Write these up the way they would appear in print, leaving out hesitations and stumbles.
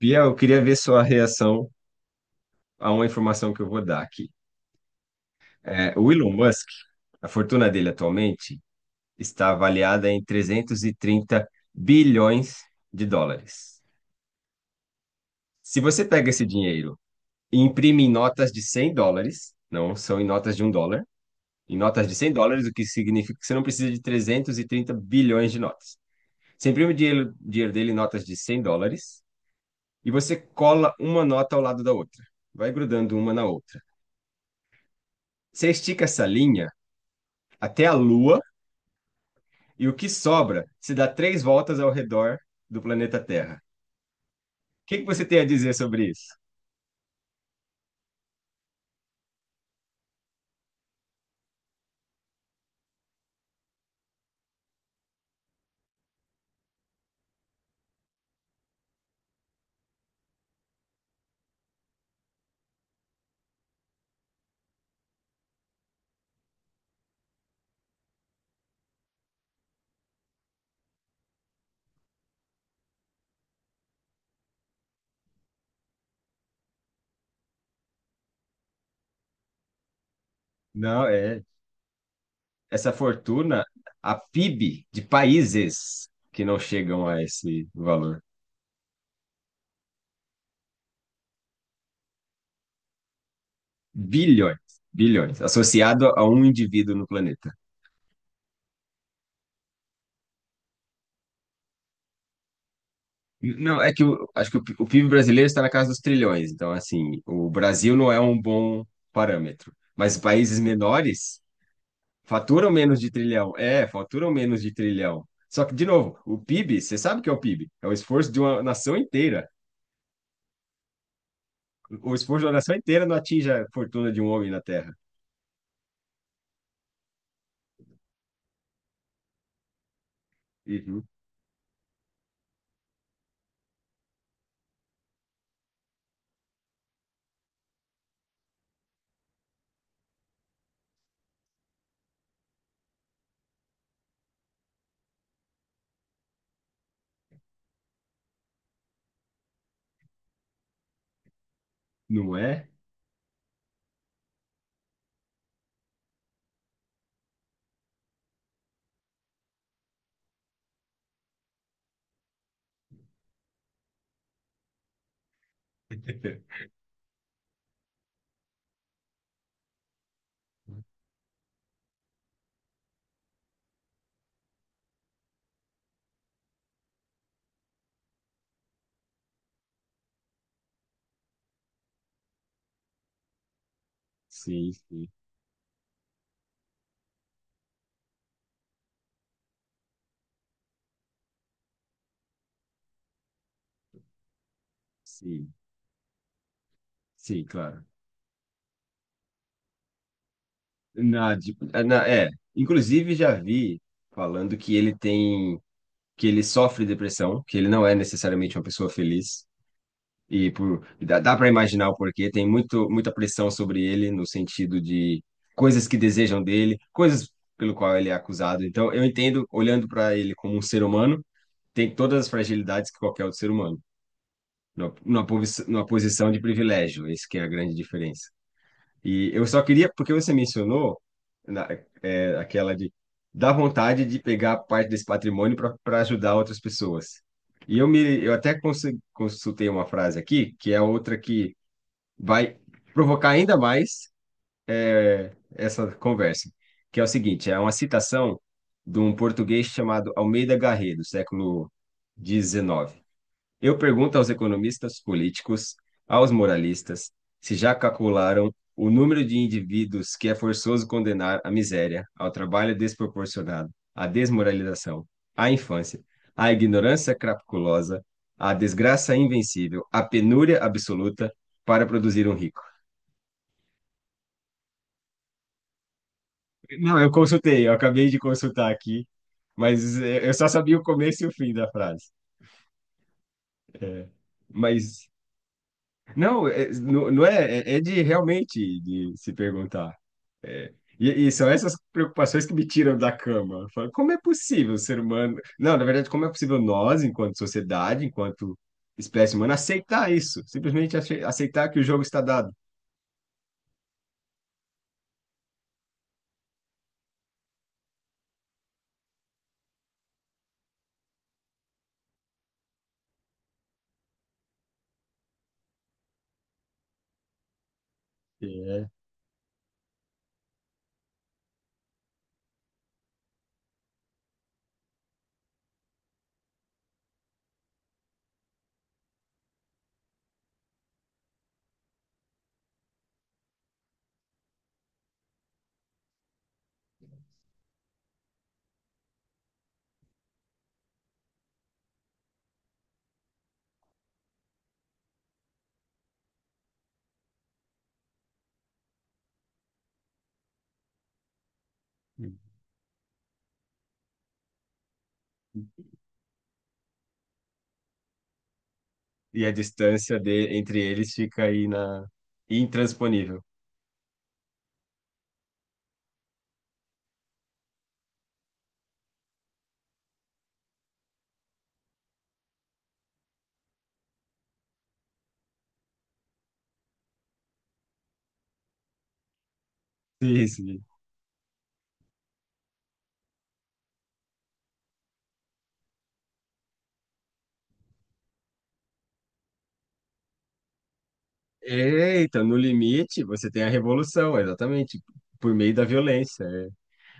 Bia, eu queria ver sua reação a uma informação que eu vou dar aqui. O Elon Musk, a fortuna dele atualmente está avaliada em US$ 330 bilhões. Se você pega esse dinheiro e imprime em notas de US$ 100, não são em notas de US$ 1, em notas de cem dólares, o que significa que você não precisa de 330 bilhões de notas. Você imprime o dinheiro, dinheiro dele em notas de 100 dólares e você cola uma nota ao lado da outra, vai grudando uma na outra. Você estica essa linha até a Lua, e o que sobra se dá três voltas ao redor do planeta Terra. O que que você tem a dizer sobre isso? Não, é essa fortuna, a PIB de países que não chegam a esse valor. Bilhões, bilhões, associado a um indivíduo no planeta. Não, é que eu acho que o o PIB brasileiro está na casa dos trilhões, então assim, o Brasil não é um bom parâmetro, mas países menores faturam menos de trilhão. Faturam menos de trilhão. Só que, de novo, o PIB, você sabe o que é o PIB? É o esforço de uma nação inteira. O esforço de uma nação inteira não atinge a fortuna de um homem na Terra. Uhum. Não é? Sim, sim, sim, sim, claro. Na, de- na- é, inclusive já vi falando que ele tem, que ele sofre depressão, que ele não é necessariamente uma pessoa feliz. E por, dá para imaginar o porquê, tem muita pressão sobre ele no sentido de coisas que desejam dele, coisas pelo qual ele é acusado. Então, eu entendo, olhando para ele como um ser humano, tem todas as fragilidades que qualquer outro ser humano, numa posição de privilégio, esse que é a grande diferença. E eu só queria, porque você mencionou na, aquela de dar vontade de pegar parte desse patrimônio para ajudar outras pessoas. E eu até consultei uma frase aqui, que é outra que vai provocar ainda mais essa conversa, que é o seguinte, é uma citação de um português chamado Almeida Garré, do século XIX. Eu pergunto aos economistas políticos, aos moralistas, se já calcularam o número de indivíduos que é forçoso condenar à miséria, ao trabalho desproporcionado, à desmoralização, à infância, à ignorância crapulosa, à desgraça invencível, à penúria absoluta para produzir um rico. Não, eu consultei, eu acabei de consultar aqui, mas eu só sabia o começo e o fim da frase. Mas não é, é de realmente de se perguntar. E são essas preocupações que me tiram da cama. Eu falo, como é possível o ser humano. Não, na verdade, como é possível nós, enquanto sociedade, enquanto espécie humana, aceitar isso? Simplesmente aceitar que o jogo está dado. E, é- e a distância entre eles fica intransponível. Sim, sim. Eita, no limite você tem a revolução, exatamente, por meio da violência. É.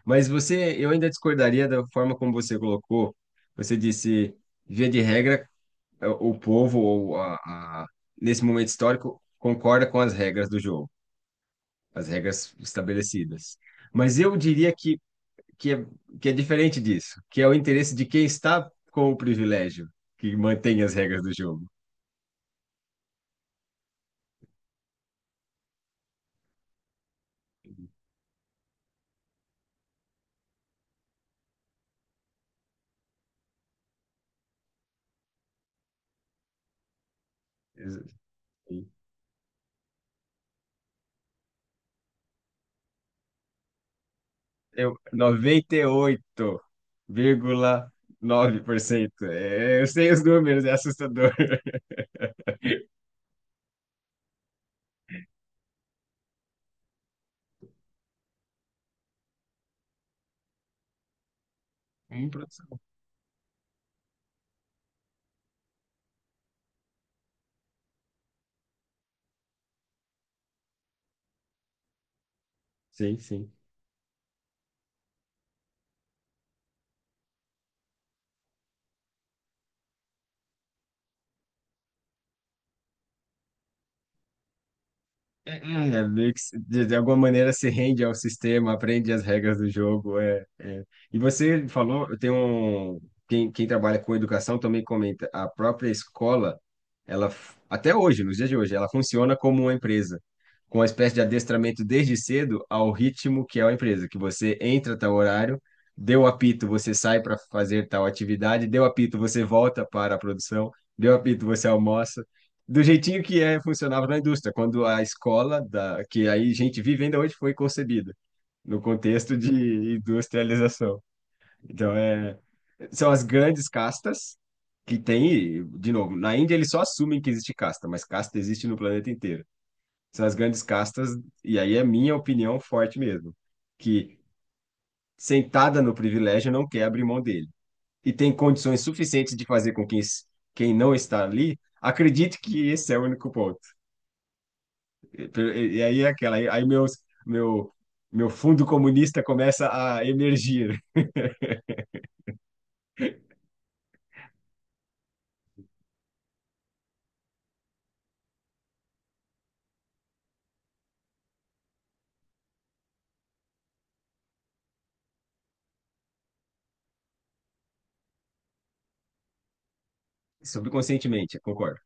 Mas você, eu ainda discordaria da forma como você colocou. Você disse, via de regra, é, o povo, a- nesse momento histórico, concorda com as regras do jogo, as regras estabelecidas. Mas eu diria que, é, que é diferente disso, que é o interesse de quem está com o privilégio que mantém as regras do jogo. Ex- Eu, 98,9%. É, eu sei os números, é assustador. Um produção. Sim, sim. Meio que de alguma maneira se rende ao sistema, aprende as regras do jogo. É, é. E você falou, quem, quem trabalha com educação também comenta, a própria escola, ela até hoje, nos dias de hoje, ela funciona como uma empresa, com uma espécie de adestramento desde cedo ao ritmo que é a empresa, que você entra a tal horário, deu apito, você sai para fazer tal atividade, deu apito, você volta para a produção, deu apito, você almoça do jeitinho que é funcionava na indústria, quando a escola da que aí a gente vive ainda hoje foi concebida no contexto de industrialização. Então são as grandes castas que tem, e, de novo, na Índia eles só assumem que existe casta, mas casta existe no planeta inteiro. São as grandes castas e aí é minha opinião forte mesmo, que sentada no privilégio não quer abrir mão dele e tem condições suficientes de fazer com que quem não está ali acredite que esse é o único ponto. E aí é aquela, meu, meu fundo comunista começa a emergir subconscientemente, concordo.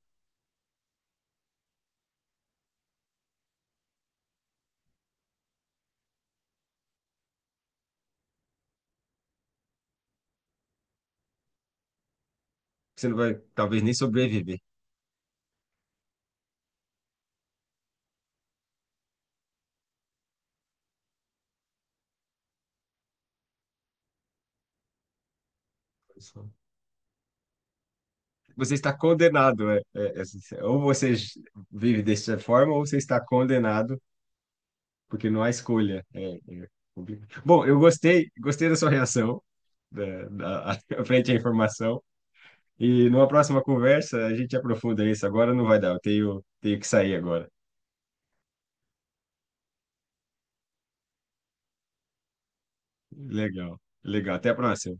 Você não vai, talvez, nem sobreviver. Você está condenado, né? Ou você vive dessa forma, ou você está condenado, porque não há escolha. É complicado. Bom, eu gostei, gostei da sua reação, da, frente à informação. E numa próxima conversa a gente aprofunda isso. Agora não vai dar, tenho que sair agora. Legal, legal. Até a próxima.